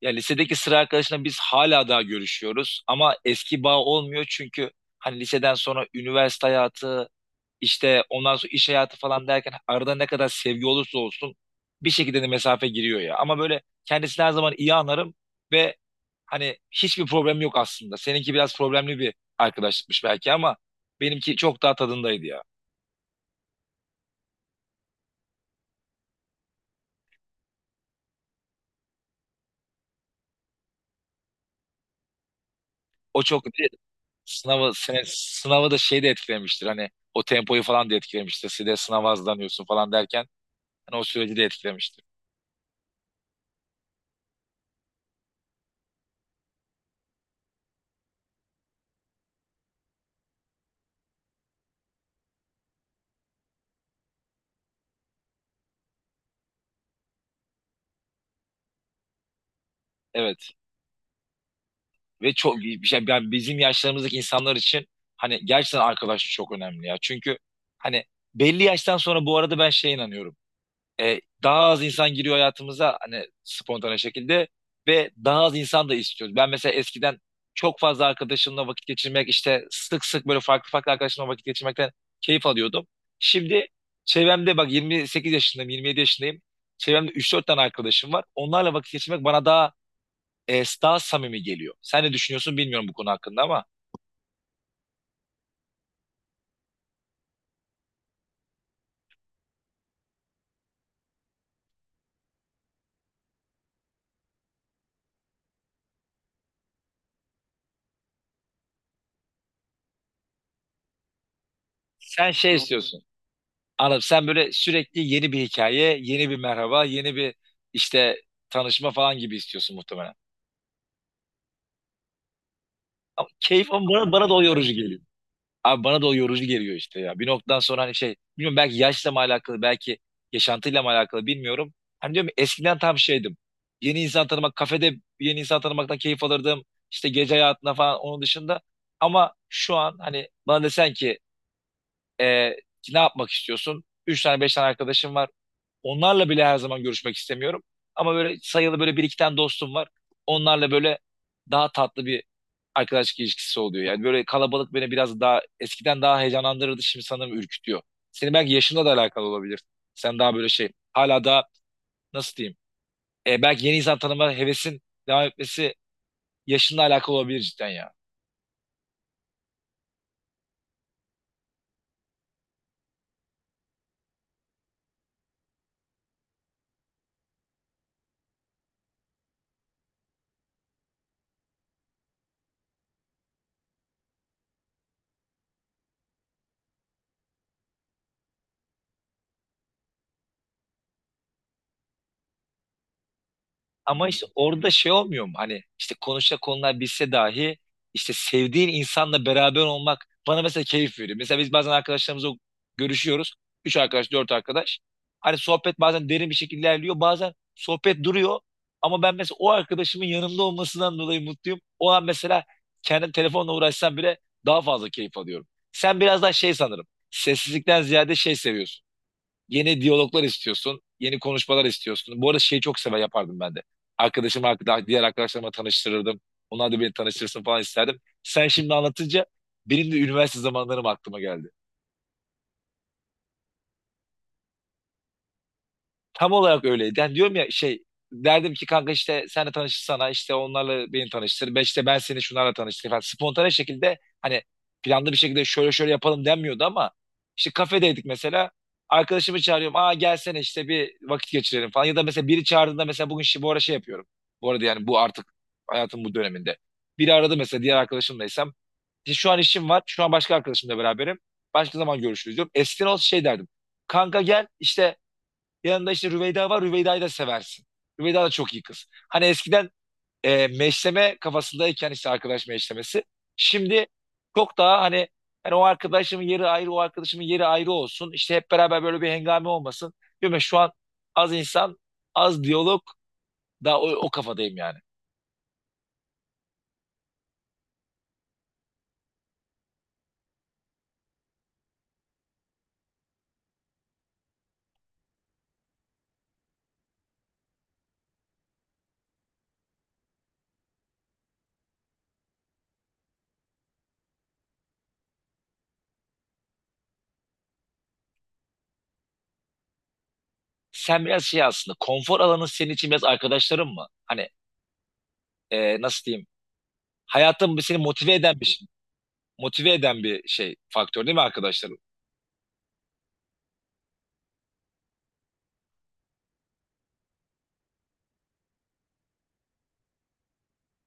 Ya lisedeki sıra arkadaşla biz hala daha görüşüyoruz ama eski bağ olmuyor çünkü hani liseden sonra üniversite hayatı işte ondan sonra iş hayatı falan derken arada ne kadar sevgi olursa olsun bir şekilde de mesafe giriyor ya. Ama böyle kendisini her zaman iyi anlarım ve hani hiçbir problem yok aslında. Seninki biraz problemli bir arkadaşlıkmış belki ama benimki çok daha tadındaydı ya. O çok bir de sınavı da şey de etkilemiştir hani o tempoyu falan da etkilemiştir. Size sınava hazırlanıyorsun falan derken yani o süreci de etkilemiştir. Evet. Ve çok bir şey yani bizim yaşlarımızdaki insanlar için hani gerçekten arkadaşlık çok önemli ya. Çünkü hani belli yaştan sonra bu arada ben şeye inanıyorum. Daha az insan giriyor hayatımıza hani spontane şekilde ve daha az insan da istiyoruz. Ben mesela eskiden çok fazla arkadaşımla vakit geçirmek işte sık sık böyle farklı farklı arkadaşımla vakit geçirmekten keyif alıyordum. Şimdi çevremde bak 28 yaşındayım, 27 yaşındayım. Çevremde 3-4 tane arkadaşım var. Onlarla vakit geçirmek bana daha samimi geliyor. Sen ne düşünüyorsun bilmiyorum bu konu hakkında ama sen şey istiyorsun. Anladım. Sen böyle sürekli yeni bir hikaye, yeni bir merhaba, yeni bir işte tanışma falan gibi istiyorsun muhtemelen. Ama keyif ama bana da o yorucu geliyor. Abi bana da o yorucu geliyor işte ya. Bir noktadan sonra hani şey, bilmiyorum belki yaşla mı alakalı, belki yaşantıyla mı alakalı bilmiyorum. Hani diyorum ya, eskiden tam şeydim. Yeni insan tanımak, kafede yeni insan tanımaktan keyif alırdım. İşte gece hayatına falan onun dışında. Ama şu an hani bana desen ki Ee, ne yapmak istiyorsun? Üç tane beş tane arkadaşım var. Onlarla bile her zaman görüşmek istemiyorum. Ama böyle sayılı böyle bir iki tane dostum var. Onlarla böyle daha tatlı bir arkadaşlık ilişkisi oluyor. Yani böyle kalabalık beni biraz daha eskiden daha heyecanlandırırdı. Şimdi sanırım ürkütüyor. Senin belki yaşınla da alakalı olabilir. Sen daha böyle şey hala daha nasıl diyeyim? Belki yeni insan tanıma hevesin devam etmesi yaşınla alakalı olabilir cidden ya. Ama işte orada şey olmuyor mu? Hani işte konuşacak konular bilse dahi işte sevdiğin insanla beraber olmak bana mesela keyif veriyor. Mesela biz bazen arkadaşlarımızla görüşüyoruz. Üç arkadaş, dört arkadaş. Hani sohbet bazen derin bir şekilde ilerliyor. Bazen sohbet duruyor. Ama ben mesela o arkadaşımın yanımda olmasından dolayı mutluyum. O an mesela kendim telefonla uğraşsam bile daha fazla keyif alıyorum. Sen biraz daha şey sanırım. Sessizlikten ziyade şey seviyorsun. Yeni diyaloglar istiyorsun. Yeni konuşmalar istiyorsun. Bu arada şeyi çok sever yapardım ben de. Arkadaşım, diğer arkadaşlarıma tanıştırırdım. Onlar da beni tanıştırsın falan isterdim. Sen şimdi anlatınca benim de üniversite zamanlarım aklıma geldi. Tam olarak öyleydi. Yani diyorum ya şey derdim ki kanka işte senle tanışırsana işte onlarla beni tanıştır. Ben işte ben seni şunlarla tanıştır falan. Spontane şekilde hani planlı bir şekilde şöyle şöyle yapalım denmiyordu ama işte kafedeydik mesela. Arkadaşımı çağırıyorum. Aa gelsene işte bir vakit geçirelim falan. Ya da mesela biri çağırdığında mesela bugün şey, bu ara şey yapıyorum. Bu arada yani bu artık hayatım bu döneminde. Biri aradı mesela diğer arkadaşımlaysam. İşte şu an işim var. Şu an başka arkadaşımla beraberim. Başka zaman görüşürüz diyorum. Eskiden olsa şey derdim. Kanka gel işte yanında işte Rüveyda var. Rüveyda'yı da seversin. Rüveyda da çok iyi kız. Hani eskiden meşleme kafasındayken işte arkadaş meşlemesi. Şimdi çok daha hani o arkadaşımın yeri ayrı, o arkadaşımın yeri ayrı olsun. İşte hep beraber böyle bir hengame olmasın. Diyorum ya şu an az insan, az diyalog daha o kafadayım yani. Sen biraz şey aslında konfor alanın senin için biraz arkadaşların mı? Hani nasıl diyeyim? Hayatın seni motive eden bir şey, motive eden bir şey faktör değil mi arkadaşlarım?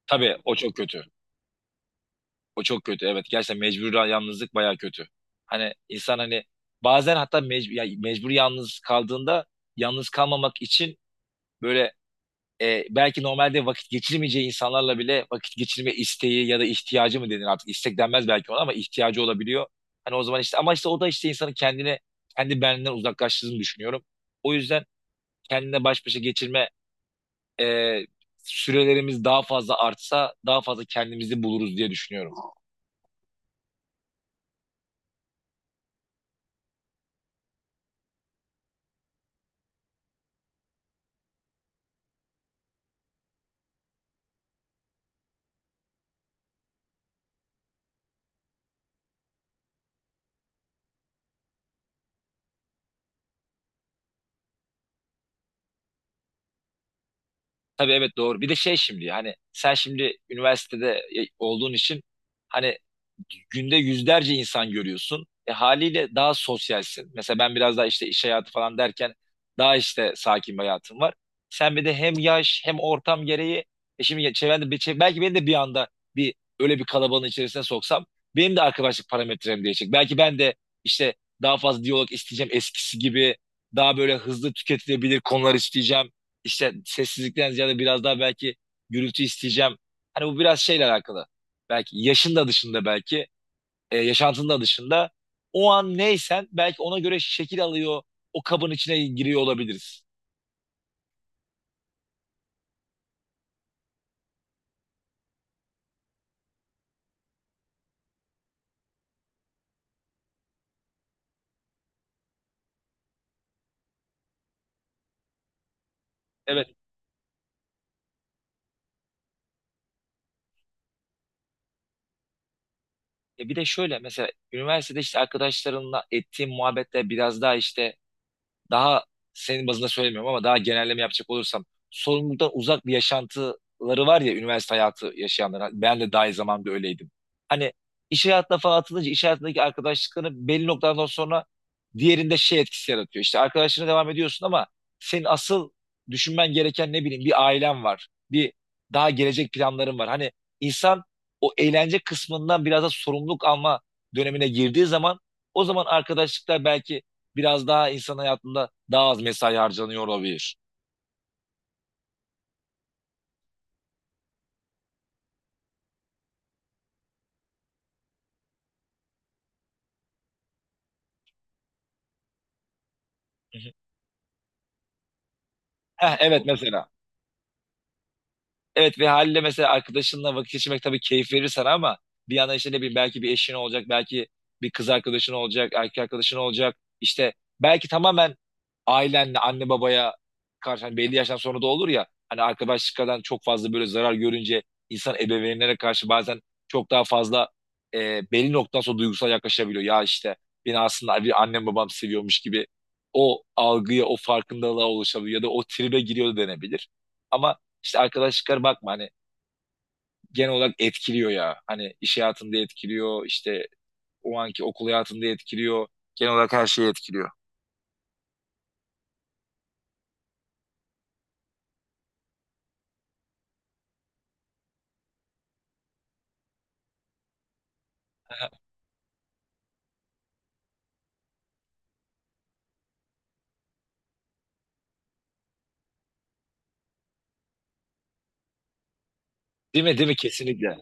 Tabii o çok kötü. O çok kötü, evet. Gerçekten mecbur yalnızlık baya kötü. Hani insan hani bazen hatta mecbur, ya mecbur yalnız kaldığında yalnız kalmamak için böyle belki normalde vakit geçirmeyeceği insanlarla bile vakit geçirme isteği ya da ihtiyacı mı denir artık, istek denmez belki ona ama ihtiyacı olabiliyor. Hani o zaman işte ama işte o da işte insanın kendini kendi benliğinden uzaklaştığını düşünüyorum. O yüzden kendine baş başa geçirme e, sürelerimiz daha fazla artsa daha fazla kendimizi buluruz diye düşünüyorum. Tabii evet doğru. Bir de şey şimdi hani sen şimdi üniversitede olduğun için hani günde yüzlerce insan görüyorsun. Haliyle daha sosyalsin. Mesela ben biraz daha işte iş hayatı falan derken daha işte sakin bir hayatım var. Sen bir de hem yaş hem ortam gereği şimdi çevrende belki beni de bir anda bir öyle bir kalabalığın içerisine soksam benim de arkadaşlık parametrem değişecek. Belki ben de işte daha fazla diyalog isteyeceğim, eskisi gibi daha böyle hızlı tüketilebilir konular isteyeceğim, işte sessizlikten ziyade biraz daha belki gürültü isteyeceğim. Hani bu biraz şeyle alakalı. Belki yaşın da dışında, belki, yaşantın da dışında. O an neysen belki ona göre şekil alıyor, o kabın içine giriyor olabiliriz. Evet. Bir de şöyle mesela üniversitede işte arkadaşlarımla ettiğim muhabbetler biraz daha işte daha, senin bazında söylemiyorum ama daha genelleme yapacak olursam sorumluluktan uzak bir yaşantıları var ya üniversite hayatı yaşayanlar. Ben de dahil zamanında öyleydim. Hani iş hayatına falan atılınca iş hayatındaki arkadaşlıkların belli noktadan sonra diğerinde şey etkisi yaratıyor. İşte arkadaşına devam ediyorsun ama senin asıl düşünmen gereken ne bileyim bir ailen var. Bir daha gelecek planların var. Hani insan o eğlence kısmından biraz da sorumluluk alma dönemine girdiği zaman o zaman arkadaşlıklar belki biraz daha insan hayatında daha az mesai harcanıyor olabilir. Hı hı. Heh, evet mesela. Evet ve haliyle mesela arkadaşınla vakit geçirmek tabii keyif verir sana ama bir yandan işte ne bileyim belki bir eşin olacak, belki bir kız arkadaşın olacak, erkek arkadaşın olacak. İşte belki tamamen ailenle, anne babaya karşı hani belli yaştan sonra da olur ya hani arkadaşlıklardan çok fazla böyle zarar görünce insan ebeveynlere karşı bazen çok daha fazla belli noktadan sonra duygusal yaklaşabiliyor. Ya işte beni aslında bir annem babam seviyormuş gibi o algıya, o farkındalığa ulaşabiliyor ya da o tribe giriyor da denebilir. Ama işte arkadaşlıklar bakma hani genel olarak etkiliyor ya. Hani iş hayatında etkiliyor, işte o anki okul hayatında etkiliyor. Genel olarak her şeyi etkiliyor. Değil mi? Değil mi? Kesinlikle.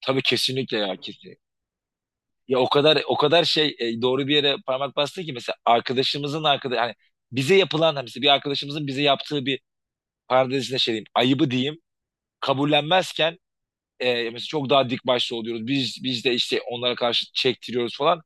Tabii kesinlikle ya, kesin. Ya o kadar o kadar şey, doğru bir yere parmak bastı ki, mesela arkadaşımızın arkadaş hani bize yapılan hani mesela bir arkadaşımızın bize yaptığı bir parantez içinde şey diyeyim, ayıbı diyeyim kabullenmezken, mesela çok daha dik başlı oluyoruz. Biz de işte onlara karşı çektiriyoruz falan.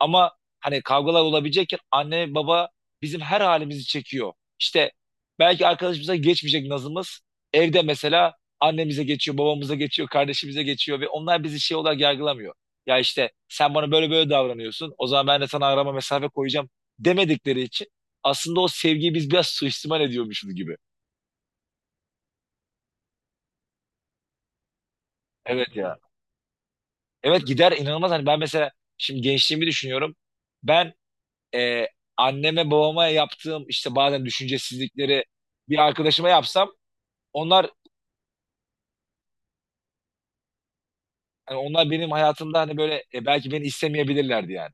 Ama hani kavgalar olabilecekken anne baba bizim her halimizi çekiyor. İşte belki arkadaşımıza geçmeyecek nazımız evde mesela annemize geçiyor, babamıza geçiyor, kardeşimize geçiyor ve onlar bizi şey olarak yargılamıyor. Ya işte sen bana böyle böyle davranıyorsun, o zaman ben de sana arama mesafe koyacağım demedikleri için aslında o sevgiyi biz biraz suistimal ediyormuşuz gibi. Evet ya. Evet gider inanılmaz. Hani ben mesela şimdi gençliğimi düşünüyorum. Ben e, anneme babama yaptığım işte bazen düşüncesizlikleri bir arkadaşıma yapsam onlar hani onlar benim hayatımda hani böyle belki beni istemeyebilirlerdi yani.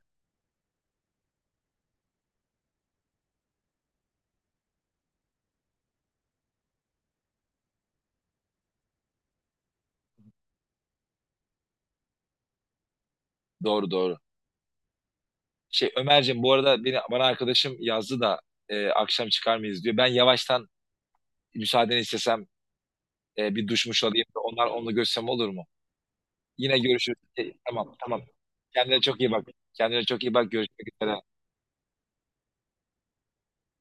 Doğru doğru. Şey Ömerciğim, bu arada bana arkadaşım yazdı da akşam çıkar mıyız diyor. Ben yavaştan müsaadeni istesem bir duşmuş alayım da onlar onunla görüşsem olur mu? Yine görüşürüz. Tamam tamam. Kendine çok iyi bak. Kendine çok iyi bak. Görüşmek üzere.